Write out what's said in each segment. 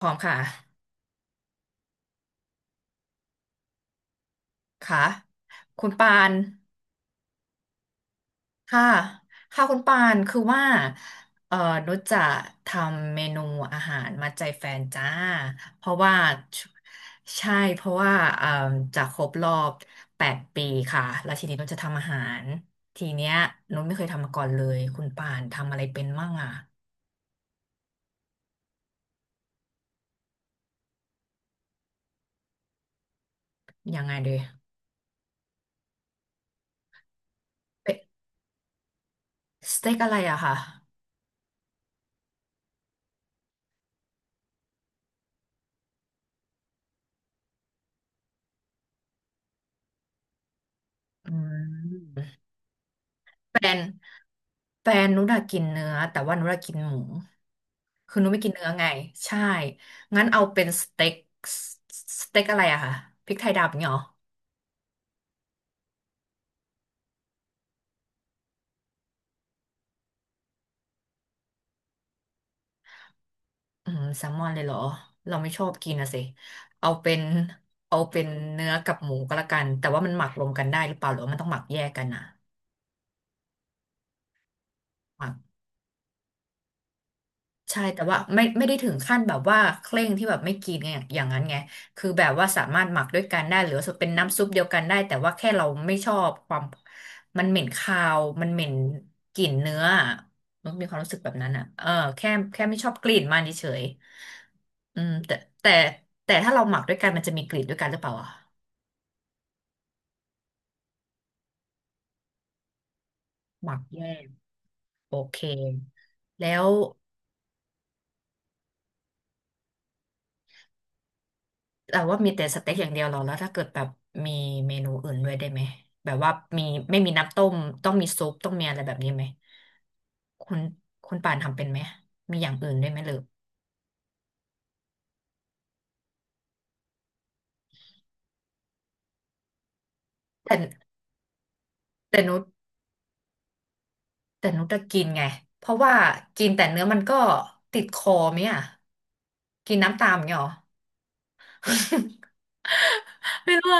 พร้อมค่ะค่ะคุณปานค่ะค่ะคุณปานคือว่าเอ่อนุชจะทำเมนูอาหารมาใจแฟนจ้าเพราะว่าชใช่เพราะว่าจะครบรอบ8 ปีค่ะ แล้วทีนี้นุชจะทำอาหาร ทีเนี้ยนุชไม่เคยทำมาก่อนเลยคุณปานทำอะไรเป็นมั่งอ่ะยังไงดีเป็นสเต็กอะไรอะค่ะอืม แฟนแฟนนุชอะกินเนื้อแต่ว่านุชอะกินหมูคือนุชไม่กินเนื้อไงใช่งั้นเอาเป็นสเต็กสเต็กอะไรอะคะพริกไทยดำอย่างเงี้ยเหรออืมแซลมอนเลยเหรอเราไม่ชอบกินนะสิเอาเป็นเอาเป็นเนื้อกับหมูก็แล้วกันแต่ว่ามันหมักรวมกันได้หรือเปล่าหรือว่ามันต้องหมักแยกกันอะ ใช่แต่ว่าไม่ได้ถึงขั้นแบบว่าเคร่งที่แบบไม่กินไางอย่างนั้นไงคือแบบว่าสามารถหมักด้วยกันได้หรือว่าเป็นน้ำซุปเดียวกันได้แต่ว่าแค่เราไม่ชอบความมันเหม็นคาวมันเหม็นกลิ่นเนื้ออะมันมีความรู้สึกแบบนั้นอ่ะเออแค่ไม่ชอบกลิ่นมันเฉยๆอืมแต่แต่ถ้าเราหมักด้วยกันมันจะมีกลิ่นด้วยกันหรือเปล่าอ่ะหมักแยกโอเคแล้ว แต่ว่ามีแต่สเต็กอย่างเดียวเหรอแล้วถ้าเกิดแบบมีเมนูอื่นด้วยได้ไหมแบบว่ามีไม่มีน้ำต้มต้องมีซุปต้องมีอะไรแบบนี้ไหมคุณคุณป่านทำเป็นไหมมีอย่างอื่นด้วยไหมหรือแต่แต่นุชแต่นุชจะกินไงเพราะว่ากินแต่เนื้อมันก็ติดคอไหมอ่ะกินน้ำตามอย่างเงี้ยเหรอ ไม่รู้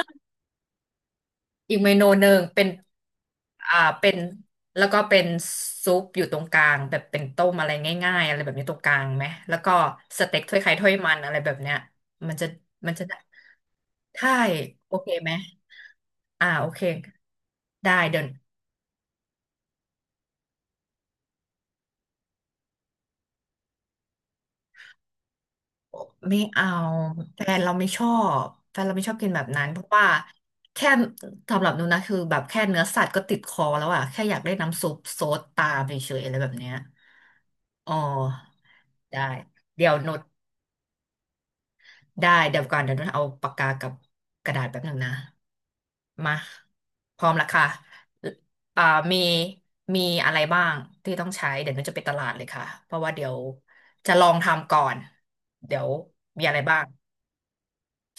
อีกเมนูหนึ่งเป็นอ่าเป็นแล้วก็เป็นซุปอยู่ตรงกลางแบบเป็นต้มอะไรง่ายๆอะไรแบบนี้ตรงกลางไหมแล้วก็สเต็กถ้วยไข่ถ้วยมันอะไรแบบเนี้ยมันจะมันจะได้ใช่โอเคไหมอ่าโอเคได้เดี๋ยวไม่เอาแฟนเราไม่ชอบแฟนเราไม่ชอบกินแบบนั้นเพราะว่าแค่สำหรับหนูนะคือแบบแค่เนื้อสัตว์ก็ติดคอแล้วอะแค่อยากได้น้ำซุปโซดตามเฉยๆอะไรแบบเนี้ยอ๋อได้เดี๋ยวหนู ได้เดี๋ยวก่อนเดี๋ยวนุ่นเอาปากกากับกระดาษแป๊บหนึ่งนะมาพร้อมละค่ะอ่ามีมีอะไรบ้างที่ต้องใช้เดี๋ยวนุ่นจะไปตลาดเลยค่ะเพราะว่าเดี๋ยวจะลองทำก่อนเดี๋ยวมีอะไรบ้าง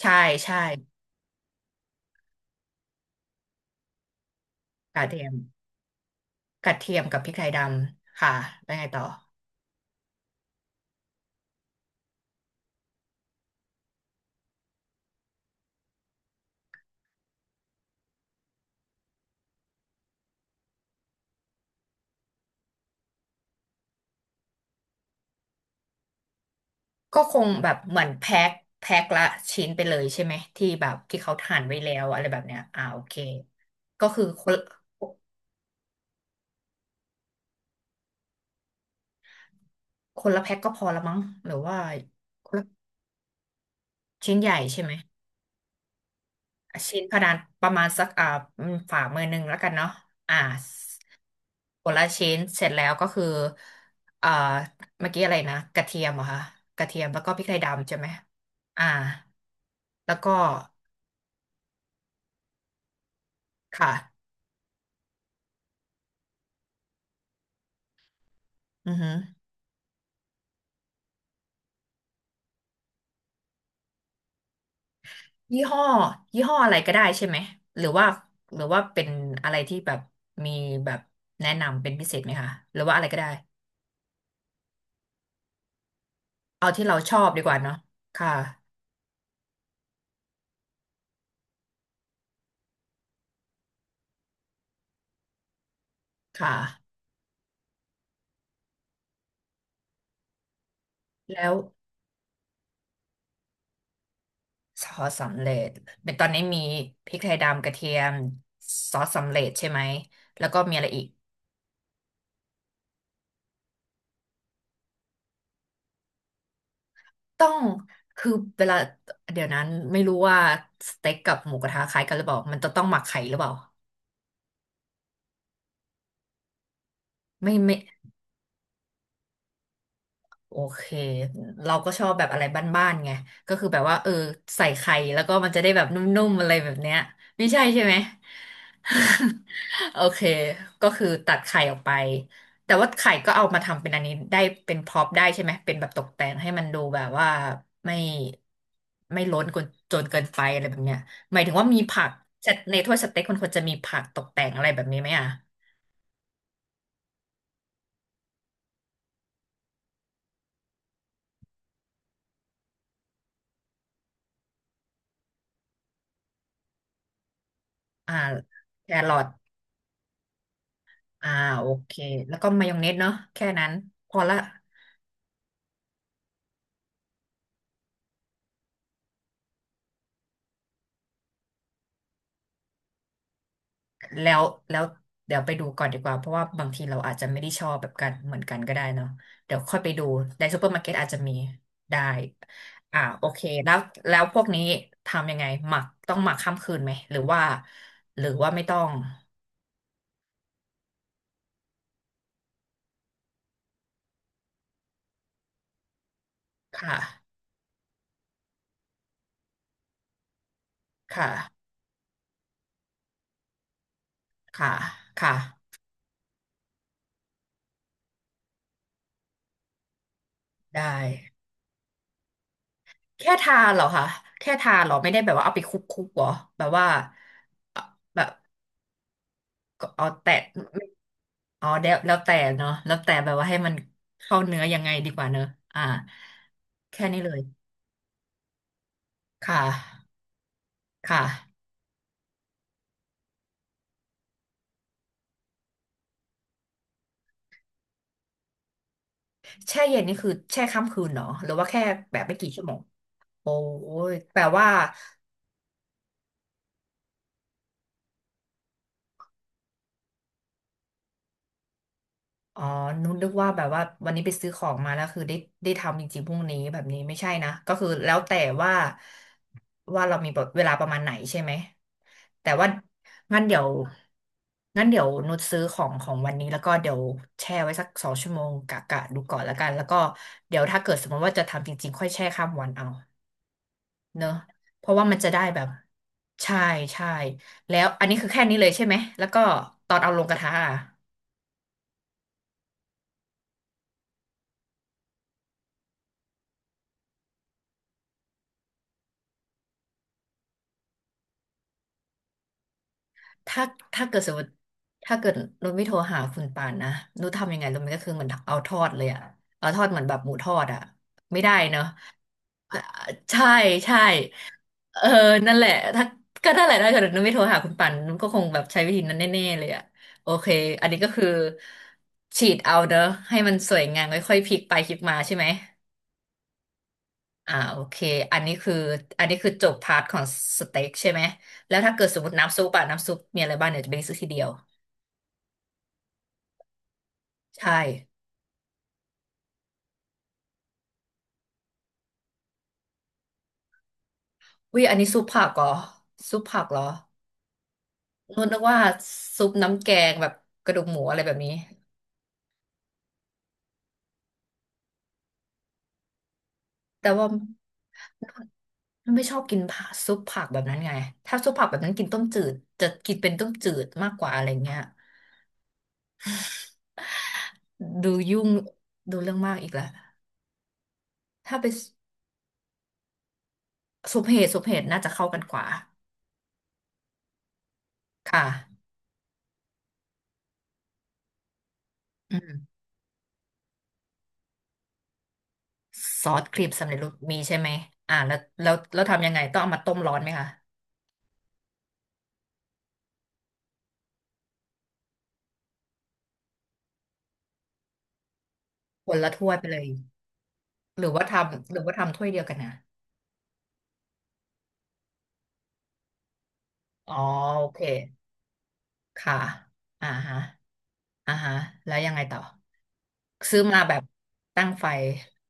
ใช่ใช่กระเทียมกระเทียมกับพริกไทยดำค่ะแล้วไงต่อก็คงแบบเหมือนแพ็คละชิ้นไปเลยใช่ไหมที่แบบที่เขาหั่นไว้แล้วอะไรแบบเนี้ยอ่าโอเคก็คือคน คนละแพ็คก็พอละมั้งหรือว่าคนละชิ้นใหญ่ใช่ไหมชิ้นพะดานประมาณสักอ่าฝ่ามือหนึ่งแล้วกันเนาะอ่าคนละชิ้นเสร็จแล้วก็คืออ่าเมื่อกี้อะไรนะกระเทียมเหรอคะกระเทียมแล้วก็พริกไทยดำใช่ไหมอ่าแล้วก็ค่ะอือหือยี่ห้อยี่ห้ออะไรก็ได้ใช่ไหมหรือว่าหรือว่าเป็นอะไรที่แบบมีแบบแนะนำเป็นพิเศษไหมคะหรือว่าอะไรก็ได้เอาที่เราชอบดีกว่าเนาะค่ะค่ะ แล้วซอสสำเร็จเป็นตอนนี้มีพริกไทยดำกระเทียมซอสสำเร็จใช่ไหมแล้วก็มีอะไรอีกต้องคือเวลาเดี๋ยวนั้นไม่รู้ว่าสเต็กกับหมูกระทะคล้ายกันหรือเปล่ามันจะต้องหมักไข่หรือเปล่าไม่ไม่ โอเคเราก็ชอบแบบอะไรบ้านๆไงก็คือแบบว่าเออใส่ไข่แล้วก็มันจะได้แบบนุ่มๆอะไรแบบเนี้ยไม่ใช่ใช่ไหม โอเคก็คือตัดไข่ออกไปแต่ว่าไข่ก็เอามาทำเป็นอันนี้ได้เป็นพร็อพได้ใช่ไหมเป็นแบบตกแต่งให้มันดูแบบว่าไม่ไม่ล้นจนจนเกินไปอะไรแบบเนี้ยหมายถึงว่ามีผักในถ้วยสเต็กมันควรจะมีผักตกแต่งอะไรแบบนี้ไหมอ่ะอ่าแครอท อ่าโอเคแล้วก็มายองเนสเนาะแค่นั้นพอละแล้วแล้วเดี๋ยวไปดูก่อนดีกว่าเพราะว่าบางทีเราอาจจะไม่ได้ชอบแบบกันเหมือนกันก็ได้เนาะเดี๋ยวค่อยไปดูในซูเปอร์มาร์เก็ตอาจจะมีได้อ่าโอเคแล้วแล้วพวกนี้ทำยังไงหมักต้องหมักข้ามคืนไหมหรือว่าหรือว่าไม่ต้องค่ะค่ะค่ะค่ะได้แค่ทาเหรอคะแค่ทาเหรอไม่ได้แบบว่าเอาไปคลุกๆเหรอแบบว่าเอ่อแบบ ก็เอาแต่อ๋อแล้วแต่เนาะแล้วแต่แบบว่าให้มันเข้าเนื้อยังไงดีกว่าเนอะอ่าแค่นี้เลยค่ะค่ะแช่เย็นนี่คือแช่ค่ำคืนเนาะหรือว่าแค่แบบไม่กี่ชั่วโมงโอ้ยแปลว่า อ๋อนุนึกว่าแบบว่าวันนี้ไปซื้อของมาแล้วคือได้ได้ทำจริงๆพรุ่งนี้แบบนี้ไม่ใช่นะก็คือแล้วแต่ว่าว่าเรามีแบบเวลาประมาณไหนใช่ไหมแต่ว่างั้นเดี๋ยวงั้นเดี๋ยวนุชซื้อของของวันนี้แล้วก็เดี๋ยวแช่ไว้สัก2 ชั่วโมงกะดูก่อนแล้วกันแล้วก็เดี๋ยวถ้าเกิดสมมติว่าจะทำจริงๆค่อยแช่ข้ามวันเอาเนอะเพราะว่ามันจะได้แบบใช่ใช่แล้วอันนี้คือแค่นี้เลยใช่ไหมแล้วก็ตอนเอาลงกระทะอะ ถ้าถ้าเกิดสมมติถ้าเกิดนุชไม่โทรหาคุณปานนะนุชทำยังไงรู้ไหมก็คือเหมือนเอาทอดเลยอะเอาทอดเหมือนแบบหมูทอดอะไม่ได้เนาะอ่าใช่ใช่เออนั่นแหละถ้าก็นั่นแหละถ้าเกิดนุชไม่โทรหาคุณปานนุชก็คงแบบใช้วิธีนั้นแน่ๆเลยอะโอเคอันนี้ก็คือฉีดเอาเนอะให้มันสวยงามค่อยๆพลิกไปพลิกมาใช่ไหมอ่าโอเคอันนี้คืออันนี้คือจบพาร์ทของสเต็กใช่ไหมแล้วถ้าเกิดสมมติน้ำซุปอะน้ำซุปมีอะไรบ้างเดี๋ยวจะไปซื้อทีเดียว ใช่ วิอยอันนี้ซุปผักเหรอ ซุปผักเหรอนุ่นนึกว่าซุปน้ำแกงแบบกระดูกหมูอะไรแบบนี้แต่ว่านุ่นไม่ชอบกินผักซุปผักแบบนั้นไง ถ้าซุปผักแบบนั้นกินต้มจืดจะกินเป็นต้มจืดมากกว่าอะไรเงี้ยดูยุ่งดูเรื่องมากอีกแล้วถ้าเป็นซุปเห็ดซุปเห็ดน่าจะเข้ากันกว่าค่ะอืมซอสครีมสำเร็จรูปมีใช่ไหมอ่าแล้วทำยังไงต้องเอามาต้มร้อนไหมคะคนละถ้วยไปเลย หรือว่าทำหรือว่าทำถ้วยเดียวกันนะอ๋อโอเคค่ะอ่าฮะอ่าฮะแล้วยังไงต่อซื้อมาแบบตั้งไฟ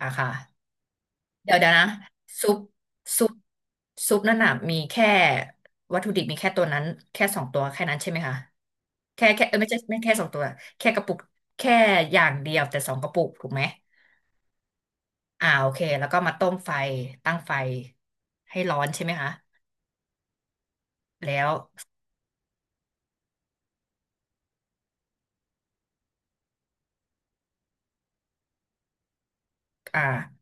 อ่ะค่ะเดี๋ยวนะซุปซุปซุปนั่นน่ะมีแค่วัตถุดิบมีแค่ตัวนั้นแค่สองตัวแค่นั้นใช่ไหมคะแค่เออไม่ใช่ไม่แค่สองตัวแค่กระปุกแค่อย่างเดียวแต่สองกระปุกถูกไหมอ่าโอเคแล้วก็มาต้มไฟตั้งไฟให้ร้อนใช่ไหมคะแล้วอ่า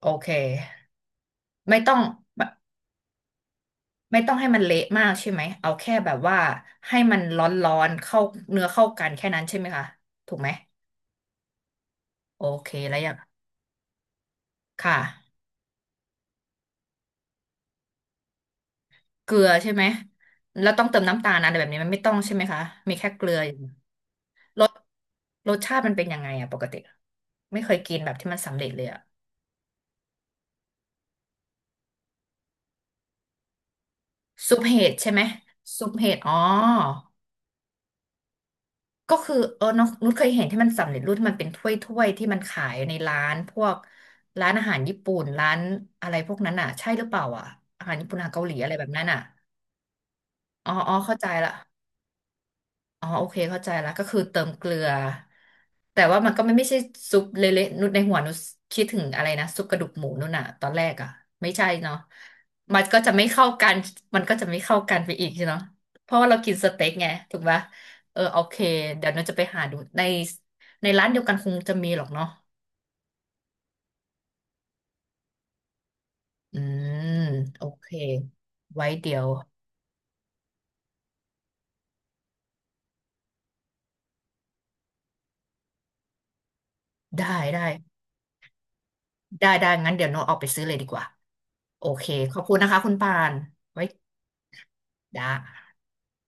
โอเคไม่ต้อง ไม่ต้องให้มันเละมากใช่ไหมเอาแค่แบบว่าให้มันร้อนๆเข้าเนื้อเข้ากันแค่นั้นใช่ไหมคะถูกไหมโอเคแล้วอย่างค่ะเกลือใช่ไหมแล้วต้องเติมน้ำตาลนะอะไรแบบนี้มันไม่ต้องใช่ไหมคะมีแค่เกลืออย่างเดียวรสรสชาติมันเป็นยังไงอะปกติไม่เคยกินแบบที่มันสำเร็จเลยอะซุปเห็ดใช่ไหมซุปเห็ดอ๋อ ก็คือเออน้องนุชเคยเห็นที่มันสำเร็จรูปที่มันเป็นถ้วยถ้วยที่มันขายในร้านพวกร้านอาหารญี่ปุ่นร้านอะไรพวกนั้นอ่ะใช่หรือเปล่าอ่ะอาหารญี่ปุ่นอาหารเกาหลีอะไรแบบนั้นอ่ะอ๋อเข้าใจละ อ๋อโอเคเข้าใจแล้วก็คือเติมเกลือแต่ว่ามันก็ไม่ใช่ซุปเละๆนุชในหัวนุชคิดถึงอะไรนะซุปกระดูกหมูนู่นน่ะตอนแรกอ่ะไม่ใช่เนาะมันก็จะไม่เข้ากันมันก็จะไม่เข้ากันไปอีกใช่เนาะเพราะว่าเรากินสเต็กไงถูกปะเออโอเคเดี๋ยวนุชจะไปหาดูในในร้านเดียวกันคงจะมีหรอกเนาะอืมโอเคไว้เดี๋ยวได้ได้ได้งั้นเดี๋ยวโนตออกไปซื้อเลยดีกว่าโอเคขอบคุณนะคะคุณปานไว้ได้